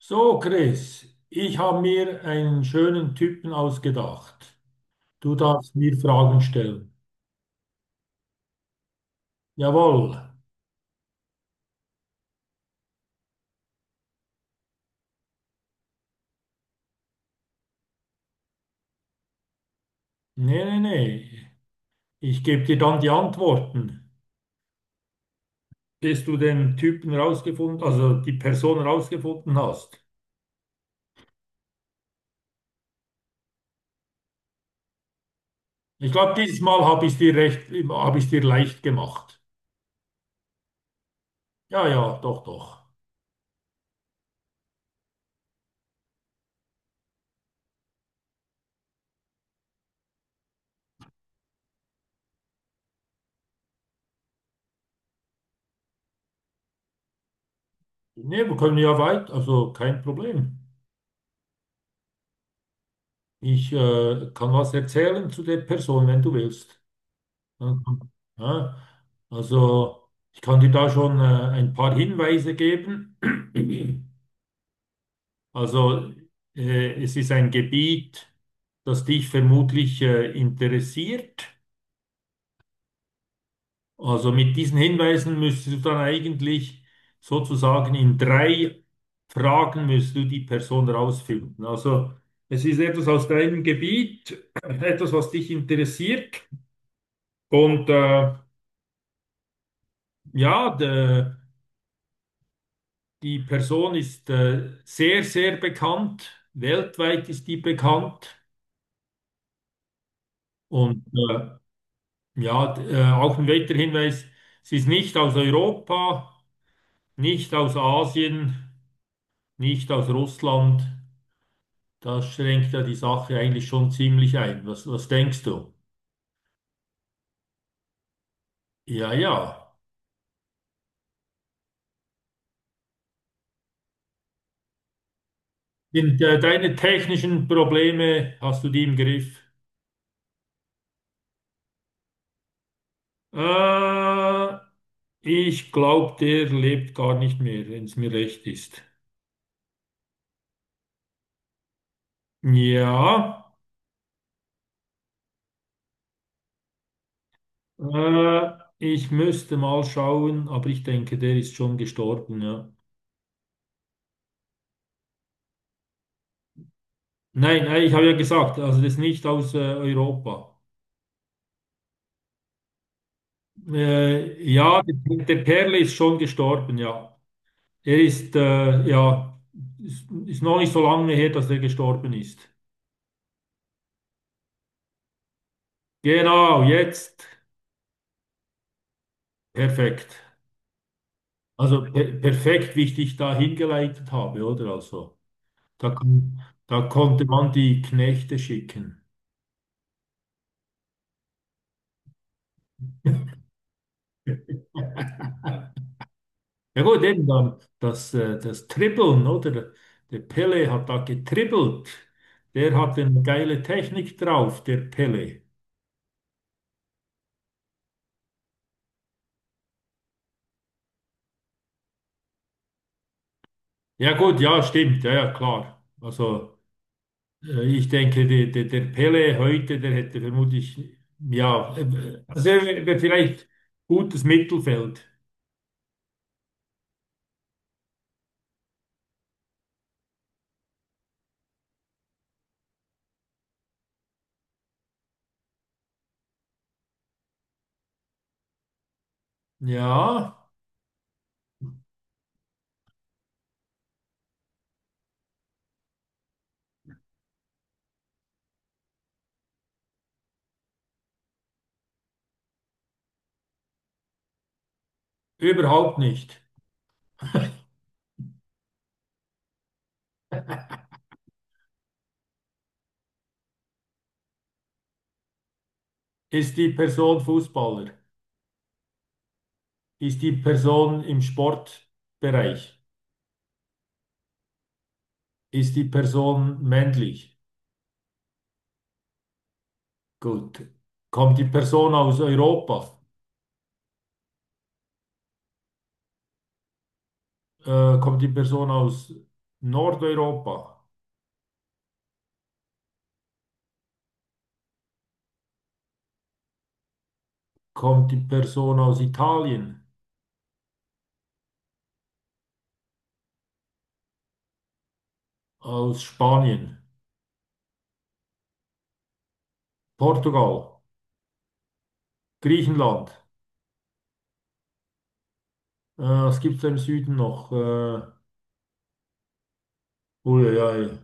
So, Chris, ich habe mir einen schönen Typen ausgedacht. Du darfst mir Fragen stellen. Jawohl. Nee, nee, nee. Ich gebe dir dann die Antworten, bis du den Typen rausgefunden, also die Person rausgefunden hast. Ich glaube, dieses Mal habe ich es dir recht, habe ich es dir leicht gemacht. Ja, ja, doch, doch. Nee, wir können ja weit, also kein Problem. Ich kann was erzählen zu der Person, wenn du willst. Ja, ja. Also ich kann dir da schon ein paar Hinweise geben. Also es ist ein Gebiet, das dich vermutlich interessiert. Also mit diesen Hinweisen müsstest du dann eigentlich sozusagen in drei Fragen müsstest du die Person rausfinden. Also es ist etwas aus deinem Gebiet, etwas, was dich interessiert. Und ja, der die Person ist sehr, sehr bekannt. Weltweit ist die bekannt. Und ja, auch ein weiterer Hinweis, sie ist nicht aus Europa, nicht aus Asien, nicht aus Russland. Das schränkt ja die Sache eigentlich schon ziemlich ein. Was, was denkst du? Ja, ja. Sind deine technischen Probleme, hast du die im Griff? Äh, ich glaube, der lebt gar nicht mehr, wenn es mir recht ist. Ja. Äh, ich müsste mal schauen, aber ich denke, der ist schon gestorben, ja. Nein, nein, ich habe ja gesagt, also das ist nicht aus Europa. Ja, der Perle ist schon gestorben, ja. Er ist, ja, ist noch nicht so lange her, dass er gestorben ist. Genau, jetzt. Perfekt. Also perfekt, wie ich dich da hingeleitet habe, oder? Also, da, da konnte man die Knechte schicken. Ja gut, eben dann das, das Dribbeln, oder? Der Pele hat da getribbelt. Der hat eine geile Technik drauf, der Pele. Ja gut, ja, stimmt, ja, ja, klar. Also ich denke, der Pele heute, der hätte vermutlich, ja, also vielleicht gutes Mittelfeld. Ja, überhaupt nicht. Ist die Person Fußballer? Ist die Person im Sportbereich? Ist die Person männlich? Gut. Kommt die Person aus Europa? Kommt die Person aus Nordeuropa? Kommt die Person aus Italien? Aus Spanien? Portugal? Griechenland? Was gibt es da im Süden noch? Uiuiui.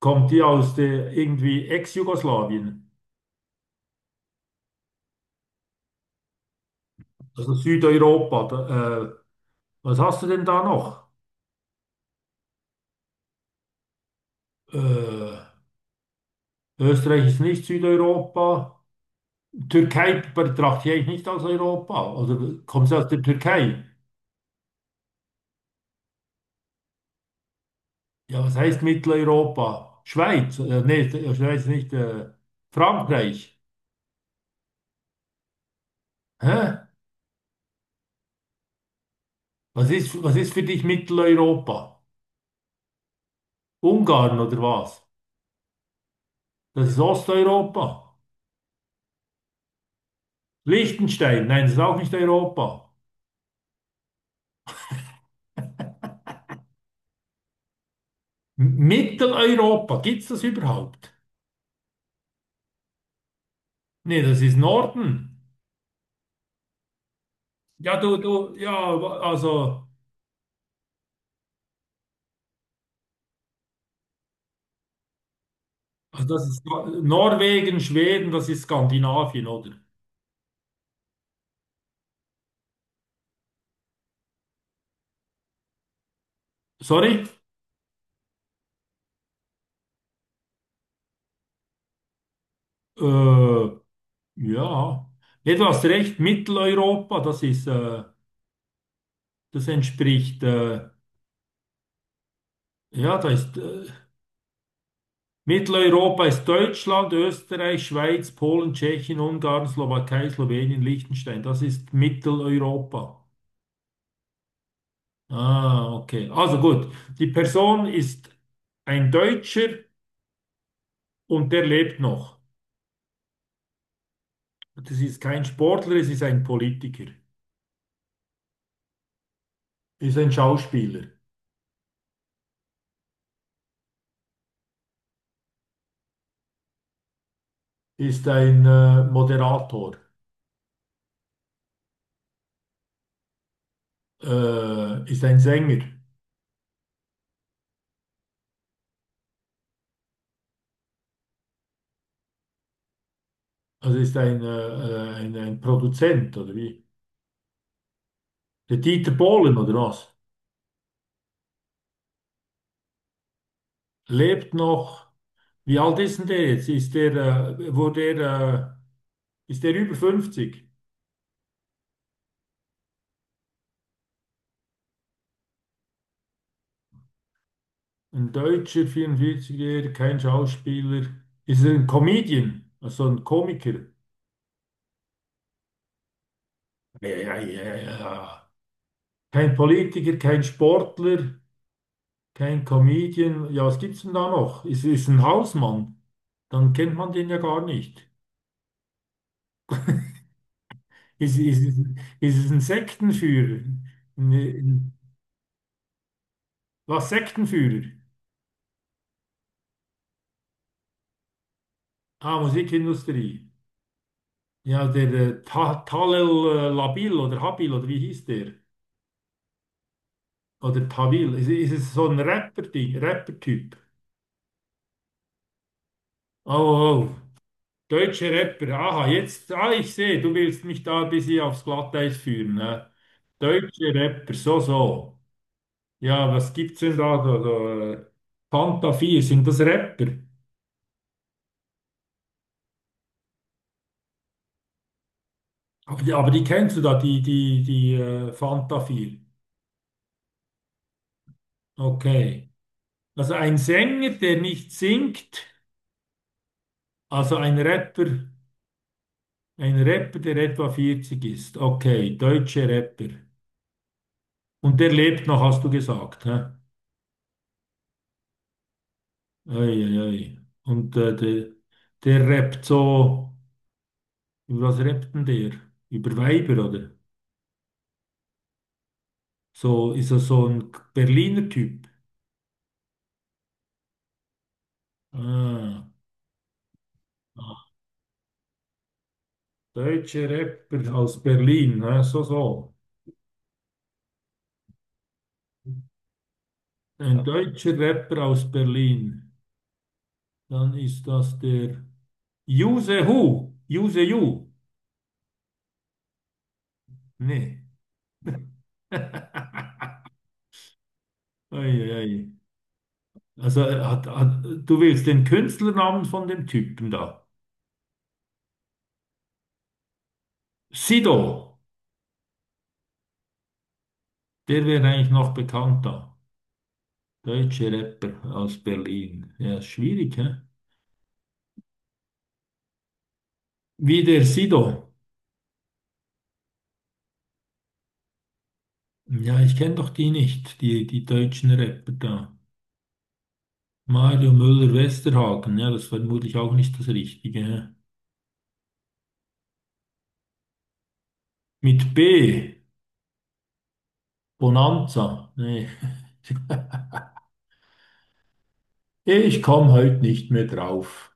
Kommt die aus der irgendwie Ex-Jugoslawien? Also Südeuropa? Da, was hast du denn da noch? Äh, Österreich ist nicht Südeuropa. Türkei betrachte ich eigentlich nicht als Europa. Oder kommst du aus der Türkei? Ja, was heißt Mitteleuropa? Schweiz? Nee, Schweiz nicht. Frankreich? Hä? Was ist für dich Mitteleuropa? Ungarn oder was? Das ist Osteuropa. Liechtenstein? Nein, das ist auch nicht Europa. M Mitteleuropa? Gibt es das überhaupt? Nee, das ist Norden. Ja, du, ja, also, also das ist Norwegen, Schweden, das ist Skandinavien, oder? Sorry? Äh, ja. Nee, du hast recht, Mitteleuropa, das ist, das entspricht, ja, da ist, Mitteleuropa ist Deutschland, Österreich, Schweiz, Polen, Tschechien, Ungarn, Slowakei, Slowenien, Liechtenstein. Das ist Mitteleuropa. Ah, okay. Also gut, die Person ist ein Deutscher und der lebt noch. Das ist kein Sportler, es ist ein Politiker, ist ein Schauspieler, ist ein, Moderator. Ist ein Sänger, also ist ein, ein Produzent oder wie? Der Dieter Bohlen oder was? Lebt noch. Wie alt ist denn der jetzt? Ist der, wo der, ist der über 50? Ein Deutscher, 44-Jähriger, kein Schauspieler. Ist er ein Comedian, also so ein Komiker? Ja, ja, ja, ja. Kein Politiker, kein Sportler, kein Comedian. Ja, was gibt's denn da noch? Ist ein Hausmann? Dann kennt man den ja gar nicht. Ist, ist, ist es ein Sektenführer? Ein, was Sektenführer? Ah, Musikindustrie. Ja, der Ta Talel Labil oder Habil oder wie hieß der? Oder Tawil. Ist es so ein Rapper-Ding, Rapper-Typ? Oh, oh, oh. Deutsche Rapper. Aha, jetzt, ah, ich sehe, du willst mich da ein bisschen aufs Glatteis führen. Ne? Deutsche Rapper, so, so. Ja, was gibt's denn da? So, so, äh, Fanta 4, sind das Rapper? Aber die kennst du da, die, die, die Fanta 4. Okay. Also ein Sänger, der nicht singt, also ein Rapper, der etwa 40 ist. Okay, deutsche Rapper. Und der lebt noch, hast du gesagt. Hä? Ei, ei, ei. Und der, der rappt so, über was rappt denn der? Über Weiber, oder? So ist er so ein Berliner Typ. Ah, ah, deutsche Rapper aus Berlin, hä? So, so. Ein deutscher Rapper aus Berlin. Dann ist das der Juse Hu. Juse Ju. Nee. Eieiei. Also hat, hat, du willst den Künstlernamen von dem Typen da. Sido. Der wäre eigentlich noch bekannter. Deutscher Rapper aus Berlin. Ja, ist schwierig, hä? Wie der Sido. Ja, ich kenne doch die nicht, die, die deutschen Rapper da. Mario Müller-Westernhagen. Ja, das war vermutlich auch nicht das Richtige, hä? Mit B, Bonanza. Nee. Ich komme heute nicht mehr drauf.